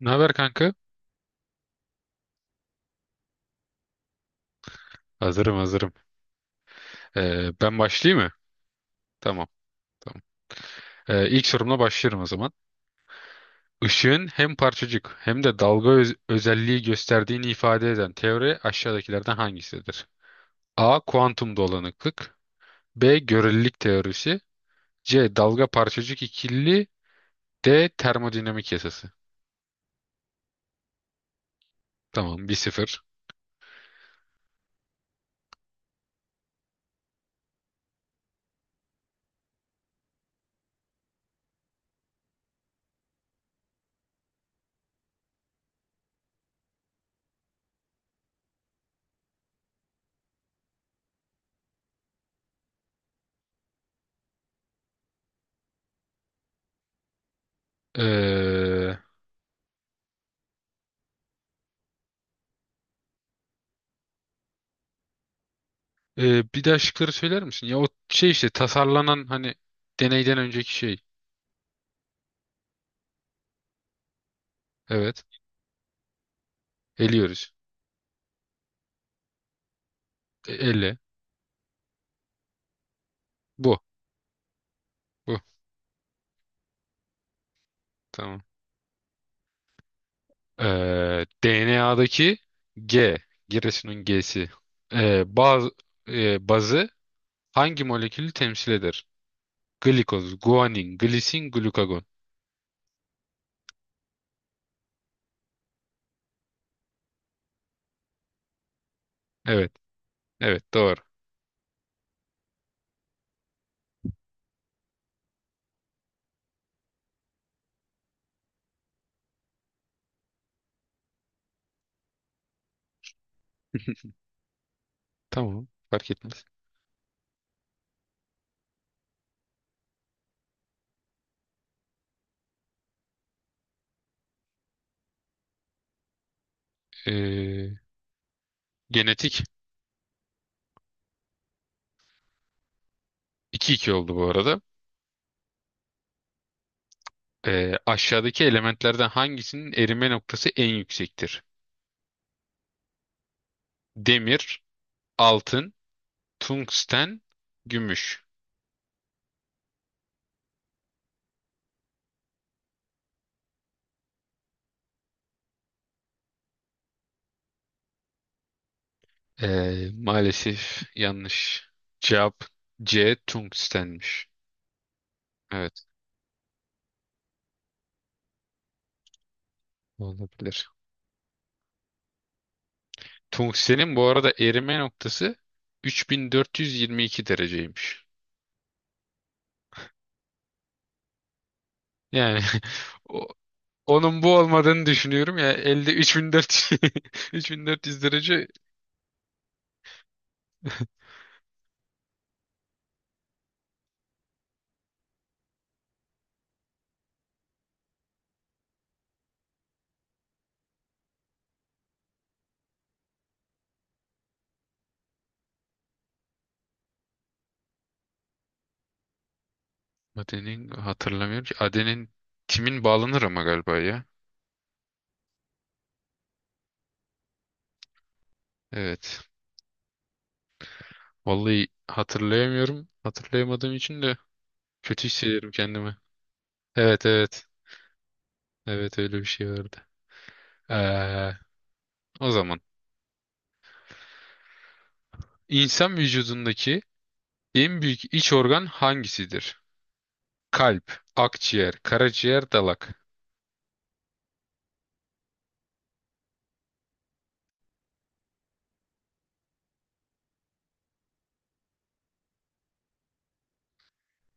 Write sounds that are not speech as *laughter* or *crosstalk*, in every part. Ne haber kanka? Hazırım hazırım. Ben başlayayım mı? Tamam tamam. İlk sorumla başlıyorum o zaman. Işığın hem parçacık hem de dalga özelliği gösterdiğini ifade eden teori aşağıdakilerden hangisidir? A. Kuantum dolanıklık, B. Görelilik teorisi, C. Dalga parçacık ikili, D. Termodinamik yasası. Tamam, 1 sıfır. Ee, Bir daha şıkları söyler misin? Ya o şey işte tasarlanan hani deneyden önceki şey. Evet. Eliyoruz. E, elle. Bu. Bu. Tamam. DNA'daki G, Giresun'un G'si. Baz, bazı hangi molekülü temsil eder? Glikoz, guanin, glisin, glukagon. Evet. Evet doğru. *laughs* Tamam. Fark etmez. Ee, genetik. 2-2 oldu bu arada. Aşağıdaki elementlerden hangisinin erime noktası en yüksektir? Demir, altın, tungsten, gümüş. Maalesef yanlış. Cevap C. Tungstenmiş. Evet, olabilir. Tungstenin bu arada erime noktası 3422 dereceymiş. Yani *laughs* o- onun bu olmadığını düşünüyorum ya elde 3400 3400 *laughs* derece. Adenin hatırlamıyorum ki. Adenin timin bağlanır ama galiba ya. Evet. Vallahi hatırlayamıyorum. Hatırlayamadığım için de kötü hissediyorum kendimi. Evet evet. Evet, öyle bir şey vardı. Ee, O zaman insan vücudundaki en büyük iç organ hangisidir? Kalp, akciğer, karaciğer, dalak.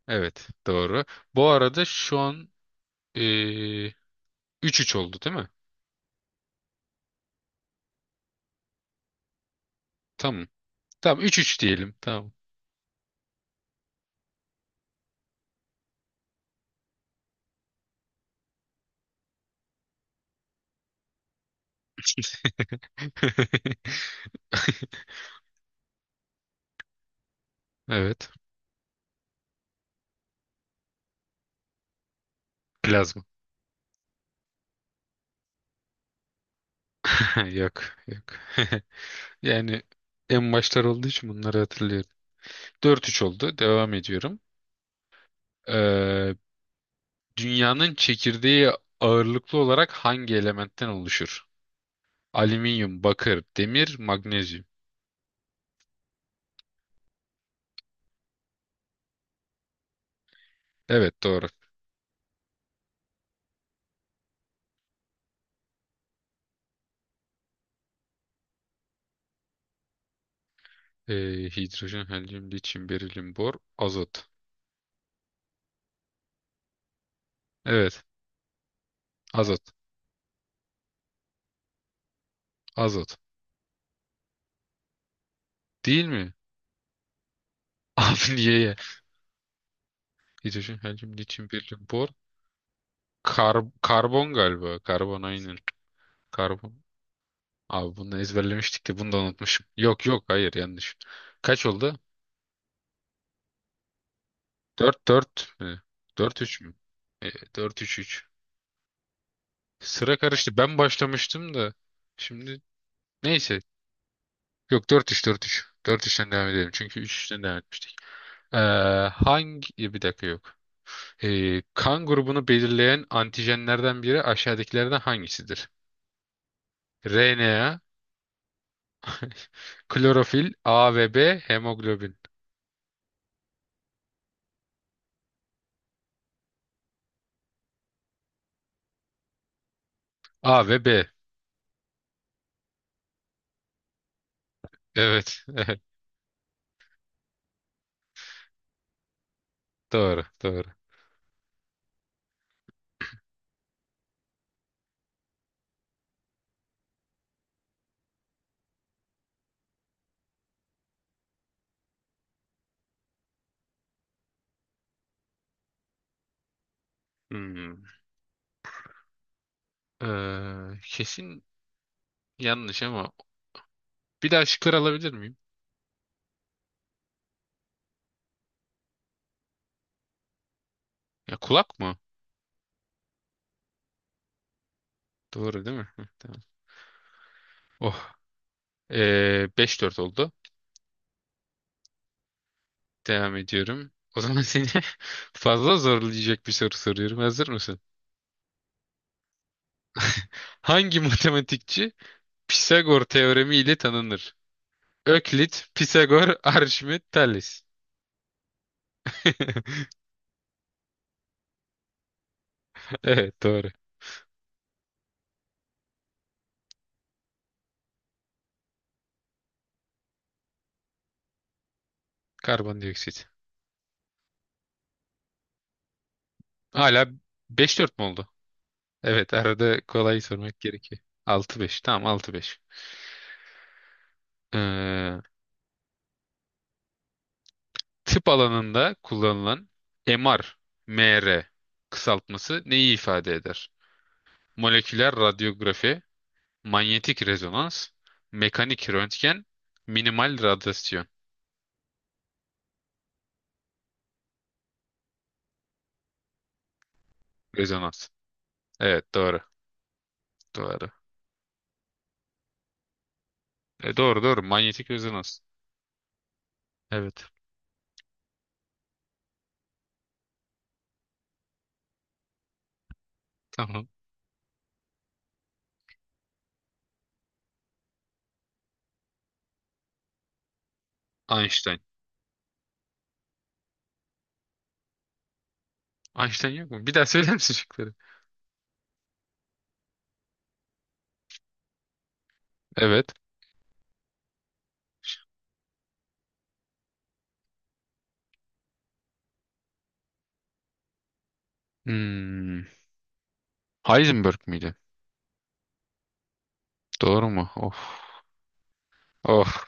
Evet doğru. Bu arada şu an ee, üç 3 oldu değil mi? Tamam. Tamam, üç üç diyelim. Tamam. *laughs* Evet. Plazma. *laughs* Yok yok. *laughs* Yani en başlar olduğu için bunları hatırlıyorum. Dört üç oldu. Devam ediyorum. Ee, Dünyanın çekirdeği ağırlıklı olarak hangi elementten oluşur? Alüminyum, bakır, demir, magnezyum. Evet doğru. Ee, hidrojen, helyum, lityum, berilyum, bor, azot. Evet, azot. Azot. Değil mi? *laughs* Abi niye ya? Hidrojen, helyum, lityum, berilyum, bor. Karbon galiba. Karbon aynen. Karbon. Abi bunu ezberlemiştik de bunu da unutmuşum. Yok yok, hayır yanlış. Kaç oldu? Dört, dört, mi? 4-3 mü? Ee, 4 üç. Sıra karıştı. Ben başlamıştım da. Şimdi neyse. Yok, dört 3 dört 3 dört 3ten devam edelim. Çünkü 3-3'ten devam etmiştik. Ee, Bir dakika yok. Kan grubunu belirleyen antijenlerden biri aşağıdakilerden hangisidir? RNA, *laughs* klorofil, A ve B, hemoglobin. A ve B. Evet. *laughs* Evet. Doğru. Doğru. Hmm. Kesin yanlış ama bir daha şıklar alabilir miyim? Ya kulak mı? Doğru değil mi? Hı, tamam. Oh. 5-4 oldu. Devam ediyorum. O zaman seni *laughs* fazla zorlayacak bir soru soruyorum. Hazır mısın? *laughs* Hangi matematikçi Pisagor teoremi ile tanınır? Öklit, Pisagor, Arşimet, Thales. *laughs* Evet doğru. Karbondioksit. Hala beş dört mü oldu? Evet, arada kolay sormak gerekiyor. Altı beş. Tamam, altı beş. Ee, Tıp alanında kullanılan MR, MR kısaltması neyi ifade eder? Moleküler radyografi, manyetik rezonans, mekanik röntgen, minimal radyasyon rezonans. Evet doğru. Doğru. E, doğru doğru. Manyetik rezonans. Evet. Tamam. Einstein. Einstein yok mu? Bir daha söyler misin şıkları? Evet. Hmm. Heisenberg miydi? Doğru mu? Of. Of.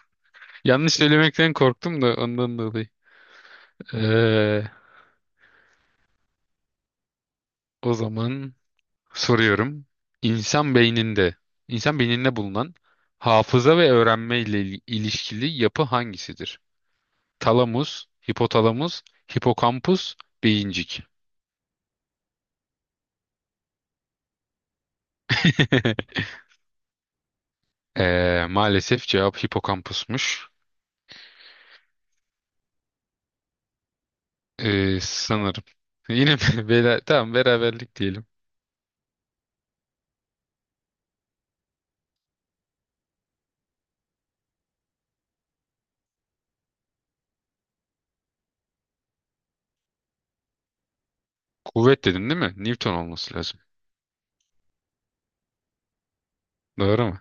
Yanlış söylemekten korktum da ondan dolayı. Ee, o zaman soruyorum. İnsan beyninde, insan beyninde bulunan hafıza ve öğrenme ile ilişkili yapı hangisidir? Talamus, hipotalamus, hipokampus, beyincik. *laughs* Maalesef cevap hipokampusmuş. Sanırım. Yine mi? *laughs* Tamam, beraberlik diyelim. Kuvvet dedin değil mi? Newton olması lazım. Doğru mu?